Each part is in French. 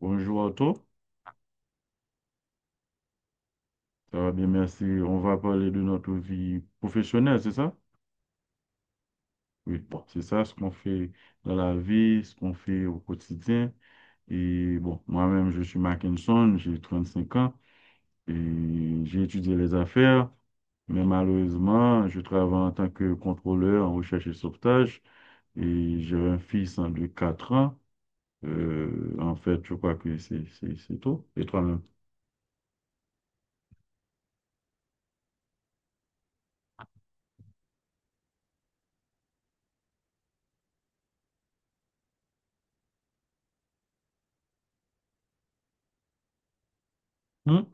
Bonjour Otto, ça va bien, merci. On va parler de notre vie professionnelle, c'est ça? Oui, bon, c'est ça ce qu'on fait dans la vie, ce qu'on fait au quotidien. Et bon, moi-même, je suis Mackinson, j'ai 35 ans et j'ai étudié les affaires, mais malheureusement, je travaille en tant que contrôleur en recherche et sauvetage et j'ai un fils en de 4 ans. En fait, je crois que c'est tout. Et toi-même? Hmm?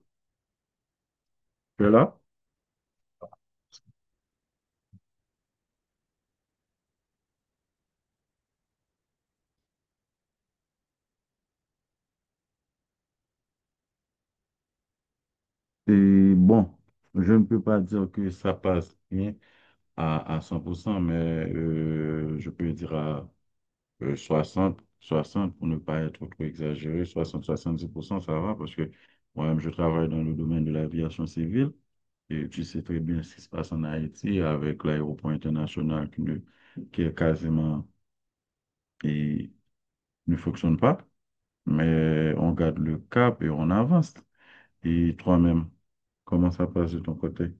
Tu es là? Et bon, je ne peux pas dire que ça passe bien à 100% mais je peux dire à 60 60 pour ne pas être trop exagéré, soixante soixante dix pour cent ça va parce que moi-même, je travaille dans le domaine de l'aviation civile et tu sais très bien ce qui se passe en Haïti avec l'aéroport international qui est quasiment et ne fonctionne pas, mais on garde le cap et on avance. Et toi-même, comment ça passe de ton côté?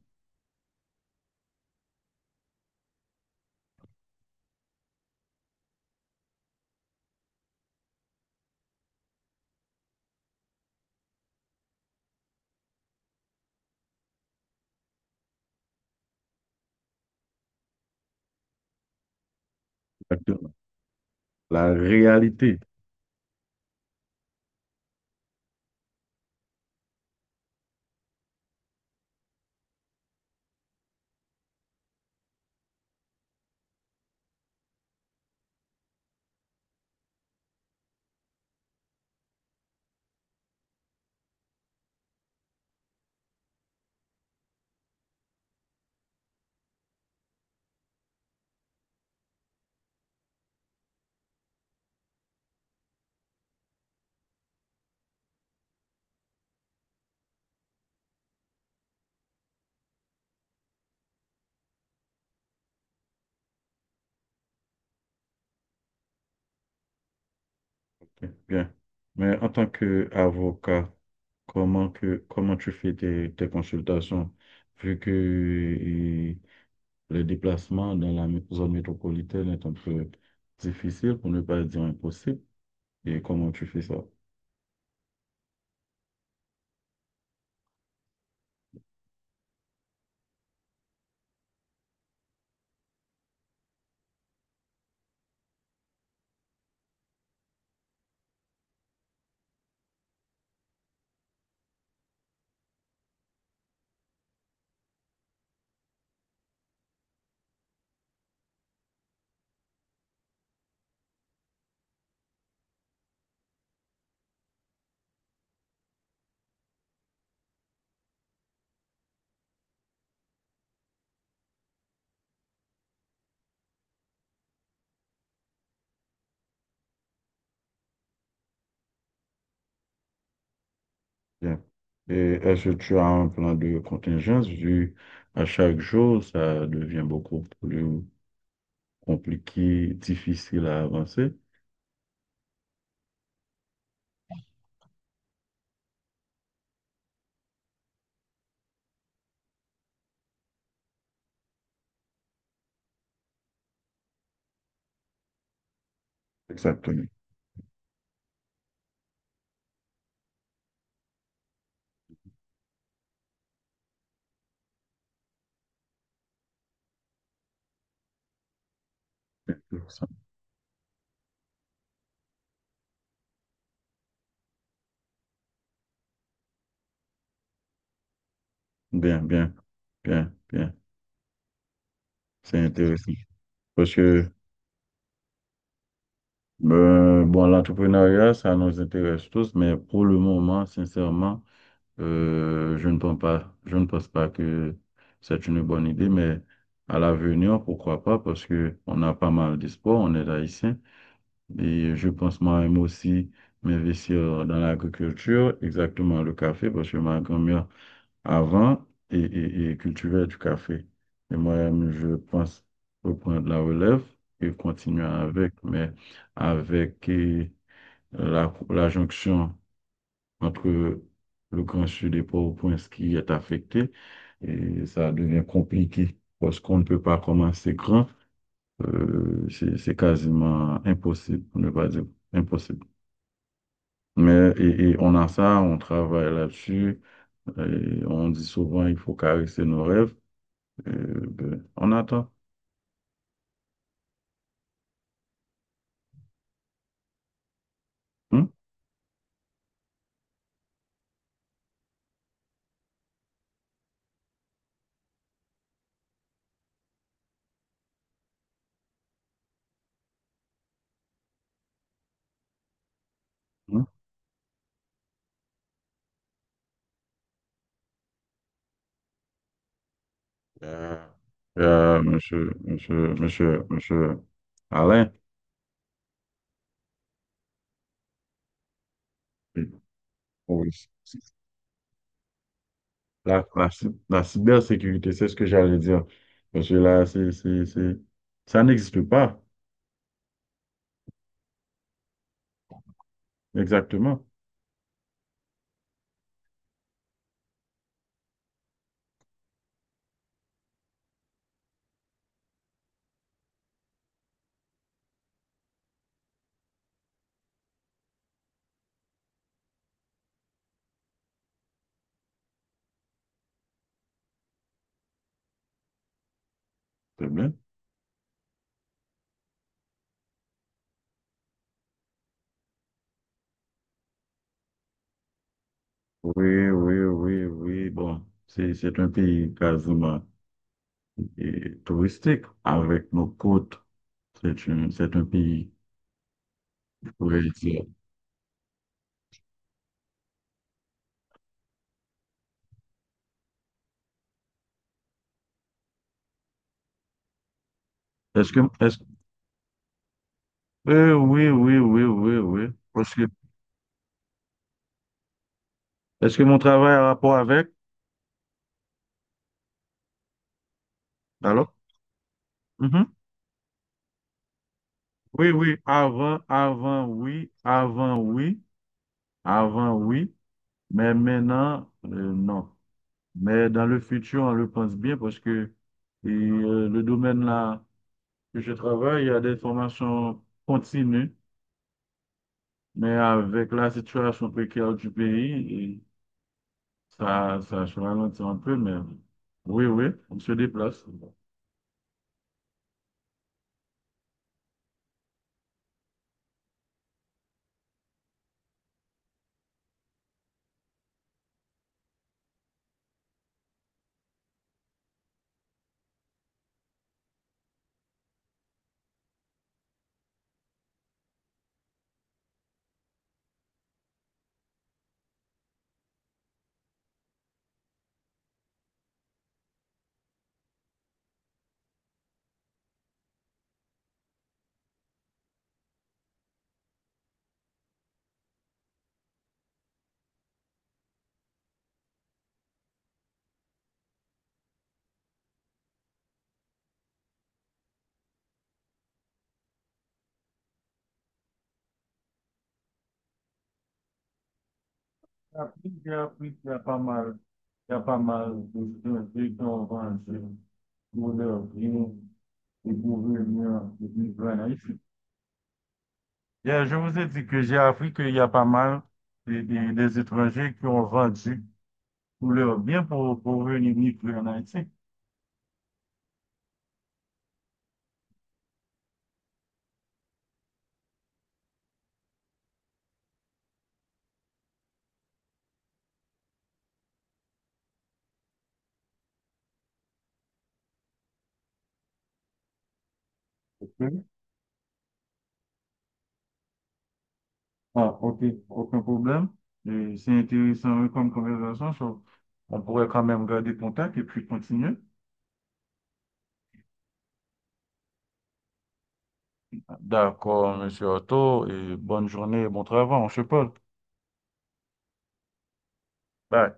Exactement. La réalité. Ok, bien. Mais en tant qu'avocat, comment tu fais tes consultations, vu que le déplacement dans la zone métropolitaine est un peu difficile, pour ne pas dire impossible. Et comment tu fais ça? Bien. Et est-ce que tu as un plan de contingence vu à chaque jour, ça devient beaucoup plus compliqué, difficile à avancer? Exactement. Intéressant. Bien, bien, bien, bien. C'est intéressant. Parce que, bon, l'entrepreneuriat, ça nous intéresse tous, mais pour le moment, sincèrement, je ne pense pas que c'est une bonne idée, mais à l'avenir, pourquoi pas, parce que on a pas mal d'espoir, on est haïtien. Et je pense moi-même aussi m'investir dans l'agriculture, exactement le café, parce que ma grand-mère avant et cultivait du café. Et moi-même, je pense reprendre la relève et continuer avec, mais avec la jonction entre le Grand Sud et Port-au-Prince qui est affecté, et ça devient compliqué parce qu'on ne peut pas commencer grand. C'est quasiment impossible, pour ne pas dire impossible. Mais, et on a ça, on travaille là-dessus. Et on dit souvent, il faut caresser nos rêves. Et, ben, on attend. Hein? Hein? Euh, monsieur Alain, oui. Oh, oui. La cybersécurité, c'est ce que j'allais dire. Parce que là, c'est, ça n'existe pas. Exactement. C'est bien. Oui, oui, oui, oui. Bon, c'est un pays quasiment et touristique avec nos côtes. C'est un pays, je pourrais dire. Est-ce que, est-ce, oui, oui, oui, oui, oui. Oui. Parce que, est-ce que mon travail a rapport avec? Alors? Mhm. Oui, oui, avant, avant, oui, avant, oui, oui, mais maintenant, non. Mais dans le futur, on le pense bien parce que le domaine là que je travaille, il y a des formations continues, mais avec la situation précaire du pays, ça ralentit un peu, mais oui, oui, on se déplace. Il y a plusieurs prix, il y a pas mal, il y a pas mal de gens vendus pour leur bien et pour venir vivre ici. Bien, je vous ai dit que j'ai appris qu'il y a pas mal des étrangers qui ont vendu pour leur bien pour venir vivre en Haïti. Ok. Ah, ok, aucun problème. Et c'est intéressant comme conversation. So, on pourrait quand même garder contact et puis continuer. D'accord, monsieur Otto, et bonne journée et bon travail, on se parle. Bye.